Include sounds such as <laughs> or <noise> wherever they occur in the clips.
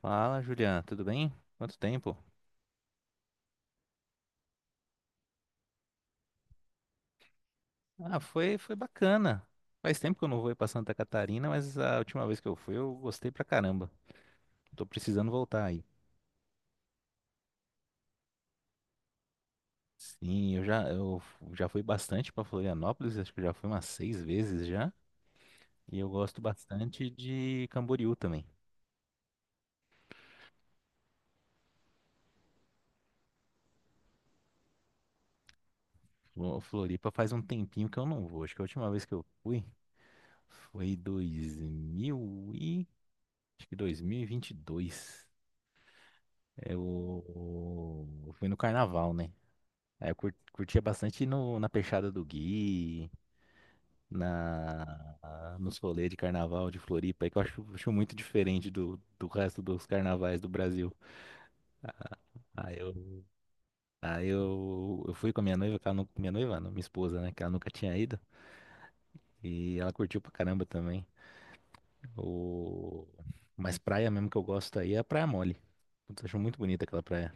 Fala, Juliana, tudo bem? Quanto tempo? Ah, foi bacana. Faz tempo que eu não vou ir pra Santa Catarina, mas a última vez que eu fui eu gostei pra caramba. Tô precisando voltar aí. Sim, eu já fui bastante pra Florianópolis, acho que eu já fui umas seis vezes já. E eu gosto bastante de Camboriú também. Floripa faz um tempinho que eu não vou. Acho que a última vez que eu fui foi, acho que 2022. Eu fui no carnaval, né? É, eu curtia bastante ir no, na Peixada do Gui, nos rolês de carnaval de Floripa, aí que eu acho muito diferente do resto dos carnavais do Brasil. Aí eu, aí eu fui com a minha noiva, que ela, minha noiva, não, minha esposa, né, que ela nunca tinha ido, e ela curtiu pra caramba também. O, mas praia mesmo que eu gosto aí é a Praia Mole. Putz, acho muito bonita aquela praia.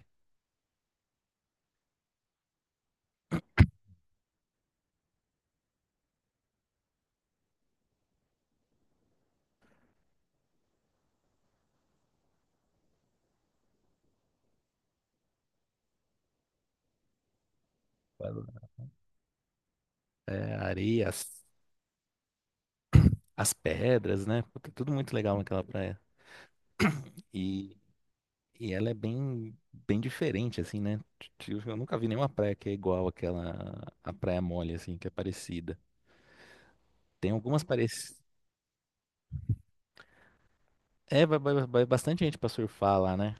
É, a areia, as pedras, né? Puta, tudo muito legal naquela praia. E E ela é bem diferente, assim, né? Eu nunca vi nenhuma praia que é igual àquela, a Praia Mole, assim, que é parecida. Tem algumas parecidas. É, vai bastante gente pra surfar lá, né?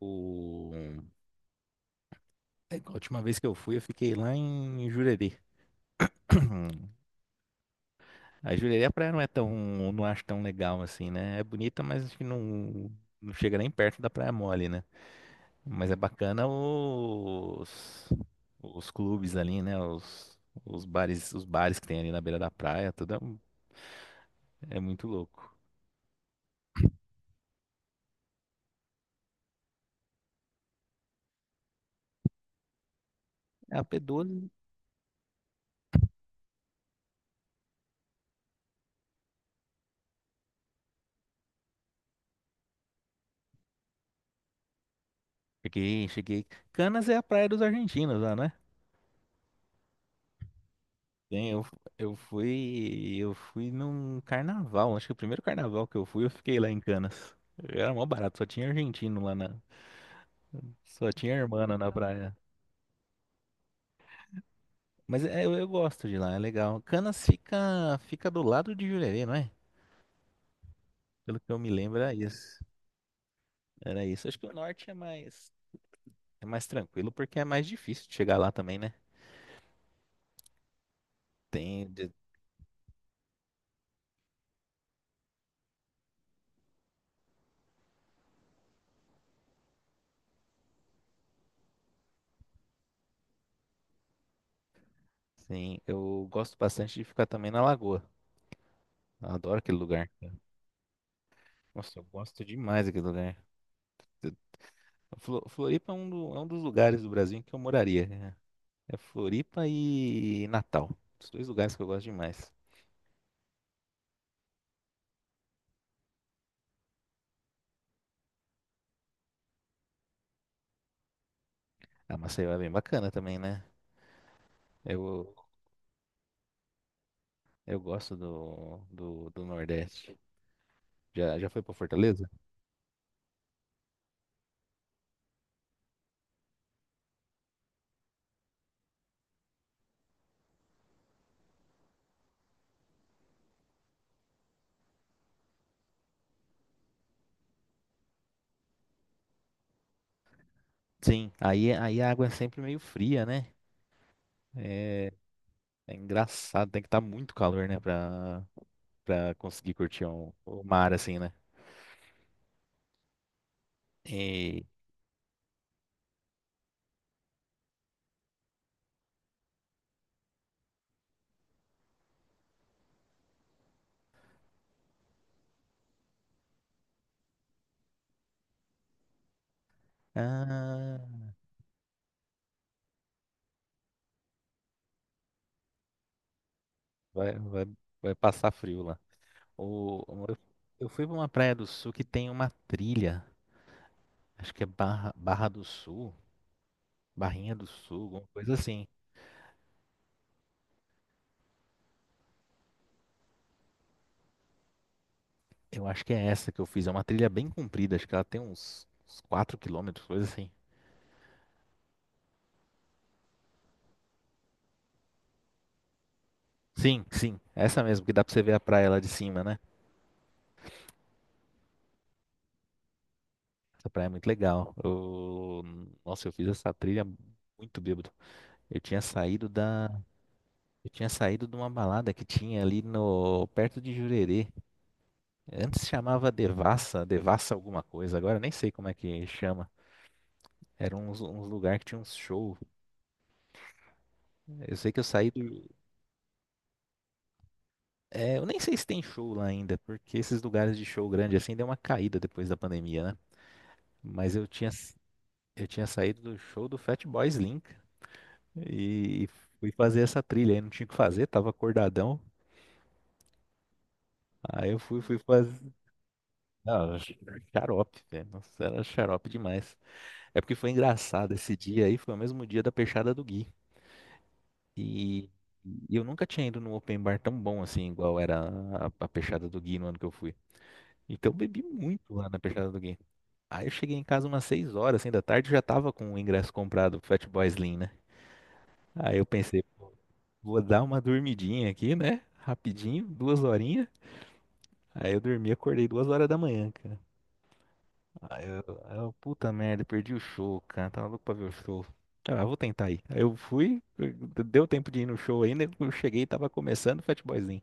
O... A última vez que eu fui, eu fiquei lá em Jurerê. <clears throat> A Jurerê, a praia não é tão, não acho tão legal assim, né? É bonita, mas acho que não chega nem perto da Praia Mole, né? Mas é bacana os clubes ali, né? Os bares que tem ali na beira da praia, tudo é muito louco. É a P12, cheguei, cheguei. Canas é a praia dos argentinos lá, né? Tem, eu fui num carnaval, acho que o primeiro carnaval que eu fui, eu fiquei lá em Canas. Era mó barato, só tinha argentino lá só tinha hermana na praia. Mas eu gosto de lá, é legal. Canas fica do lado de Jurerê, não é? Pelo que eu me lembro, é isso. Era isso. Acho que o norte é mais tranquilo porque é mais difícil de chegar lá também, né? Tem, de- eu gosto bastante de ficar também na Lagoa. Eu adoro aquele lugar. Nossa, eu gosto demais daquele lugar. Floripa é um, é um dos lugares do Brasil em que eu moraria, né? É Floripa e Natal. Os dois lugares que eu gosto demais. A Maceió é bem bacana também, né? Eu, eu gosto do Nordeste. Já foi pra Fortaleza? Sim. Aí a água é sempre meio fria, né? É, É engraçado, tem que estar muito calor, né, pra conseguir curtir o mar assim, né? E, ah, vai, vai, vai passar frio lá. O, eu, eu fui pra uma praia do sul que tem uma trilha, acho que é Barra, Barra do Sul, Barrinha do Sul, alguma coisa assim. Eu acho que é essa que eu fiz, é uma trilha bem comprida, acho que ela tem uns 4 quilômetros, coisa assim. Sim, sim, essa mesmo, que dá pra você ver a praia lá de cima, né? Essa praia é muito legal. Nossa, eu fiz essa trilha muito bêbado. Eu tinha saído da. Eu tinha saído de uma balada que tinha ali no perto de Jurerê. Antes chamava Devassa, Devassa alguma coisa. Agora eu nem sei como é que chama. Era uns lugar que tinha uns show. Eu sei que eu saí do. É, eu nem sei se tem show lá ainda, porque esses lugares de show grande assim deu uma caída depois da pandemia, né? Mas eu tinha saído do show do Fatboy Slim. E, fui fazer essa trilha. Aí não tinha o que fazer, tava acordadão. Aí eu fui fazer. Ah, xarope, velho. Nossa, era xarope demais. É porque foi engraçado esse dia aí, foi o mesmo dia da peixada do Gui. E, e eu nunca tinha ido num open bar tão bom assim, igual era a peixada do Gui no ano que eu fui. Então eu bebi muito lá na peixada do Gui. Aí eu cheguei em casa umas 6 horas assim, da tarde, já tava com o ingresso comprado pro Fat Boy Slim, né? Aí eu pensei, pô, vou dar uma dormidinha aqui, né? Rapidinho, duas horinhas. Aí eu dormi, acordei 2 horas da manhã, cara. Puta merda, perdi o show, cara. Tava louco pra ver o show. Ah, eu vou tentar ir. Aí eu fui, deu tempo de ir no show ainda. Eu cheguei e tava começando o Fat Boyzinho.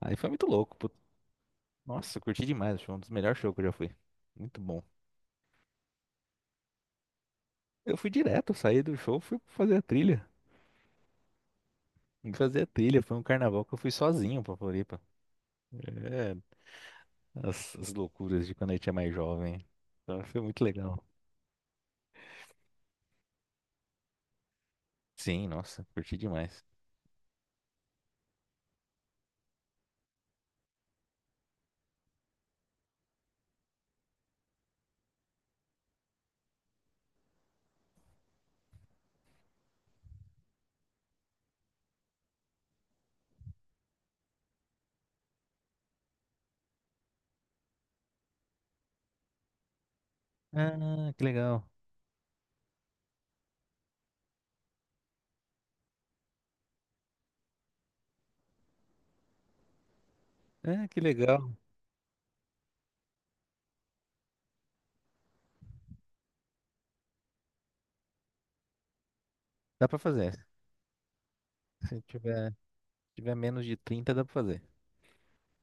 Aí foi muito louco. Nossa, eu curti demais. O show, um dos melhores shows que eu já fui. Muito bom. Eu fui direto, saí do show, fui fazer a trilha. Fui fazer a trilha. Foi um carnaval que eu fui sozinho pra Floripa. É, as loucuras de quando a gente é mais jovem. Então, foi muito legal. Sim, nossa, curti demais. Ah, que legal. É, que legal. Dá pra fazer. <laughs> Se tiver menos de 30, dá pra fazer.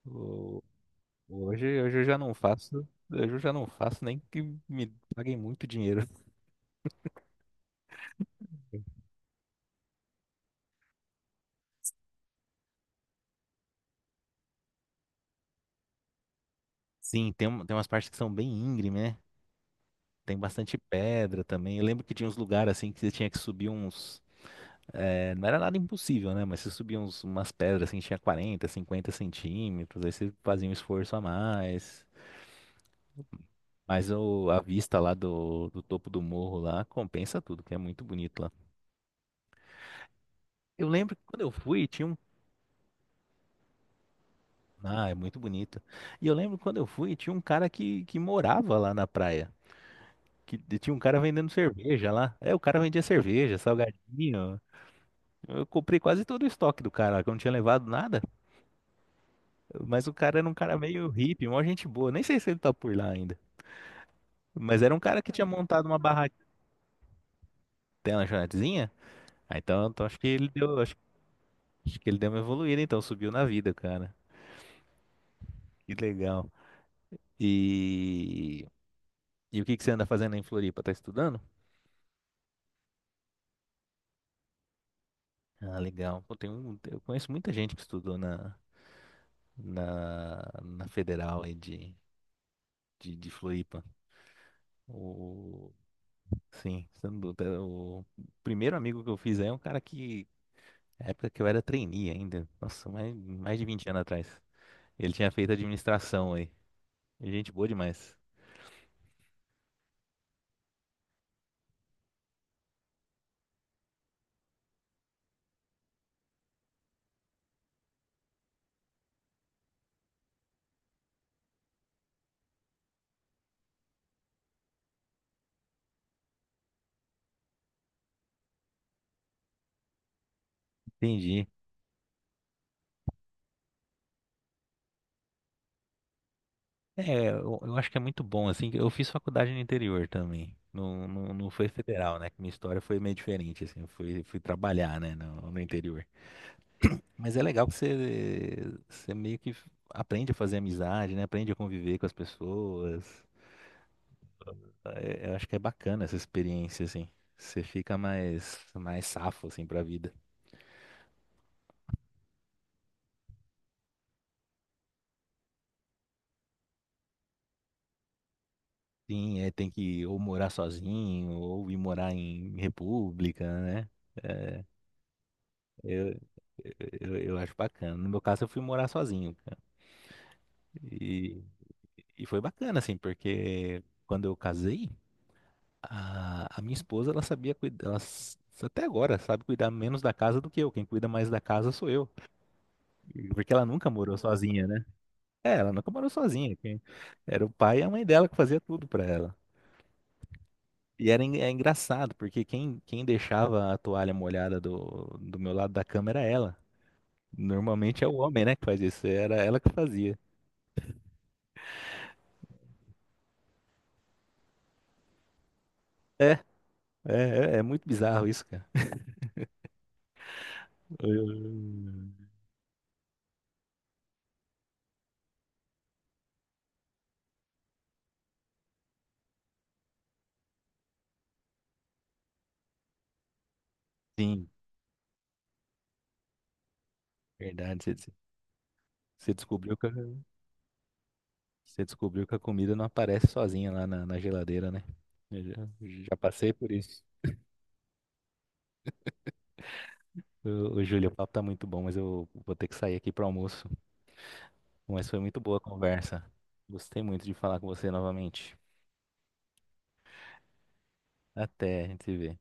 O- hoje eu já não faço. Hoje eu já não faço nem que me paguem muito dinheiro. <laughs> Sim, tem umas partes que são bem íngreme, né? Tem bastante pedra também. Eu lembro que tinha uns lugares assim que você tinha que subir uns. Não era nada impossível, né? Mas você subia umas pedras assim, tinha 40, 50 cm. Aí você fazia um esforço a mais. Mas a vista lá do topo do morro lá compensa tudo, que é muito bonito. Eu lembro que quando eu fui, tinha um. Ah, é muito bonito. E eu lembro que quando eu fui, tinha um cara que morava lá na praia. Que e tinha um cara vendendo cerveja lá. É, o cara vendia cerveja, salgadinho. Eu comprei quase todo o estoque do cara, que eu não tinha levado nada. Mas o cara era um cara meio hippie, uma gente boa. Nem sei se ele tá por lá ainda. Mas era um cara que tinha montado uma barraca, tem uma lanchonetezinha. Ah, então acho que acho que ele deu uma evoluída, então subiu na vida, cara. Que legal. E, e o que que você anda fazendo em Floripa? Tá estudando? Ah, legal. Pô, eu conheço muita gente que estudou na Federal aí de Floripa. O, sim, sem dúvida. O primeiro amigo que eu fiz aí é um cara que, na época que eu era trainee ainda, nossa, mais de 20 anos atrás. Ele tinha feito administração aí. Gente boa demais. Entendi. É, eu acho que é muito bom, assim, que eu fiz faculdade no interior também. Não, não, não foi federal, né? Que minha história foi meio diferente, assim, eu fui trabalhar, né, no interior. Mas é legal que você meio que aprende a fazer amizade, né? Aprende a conviver com as pessoas. Eu acho que é bacana essa experiência, assim. Você fica mais safo, assim, pra vida. Sim, é, tem que ou morar sozinho, ou ir morar em república, né? É, eu, eu acho bacana. No meu caso, eu fui morar sozinho, cara. E, e foi bacana, assim, porque quando eu casei, a minha esposa, ela sabia cuidar, até agora sabe cuidar menos da casa do que eu. Quem cuida mais da casa sou eu. Porque ela nunca morou sozinha, né? É, ela nunca morou sozinha. Era o pai e a mãe dela que fazia tudo pra ela. E é engraçado, porque quem deixava a toalha molhada do meu lado da cama era ela. Normalmente é o homem, né, que faz isso. Era ela que fazia. É, é muito bizarro isso, cara. Eu- Sim, verdade. Você descobriu que. Eu Você descobriu que a comida não aparece sozinha lá na geladeira, né? Eu já passei por isso. Ô, ô, Júlio, o papo tá muito bom, mas eu vou ter que sair aqui para almoço. Mas foi muito boa a conversa. Gostei muito de falar com você novamente. Até, a gente se vê.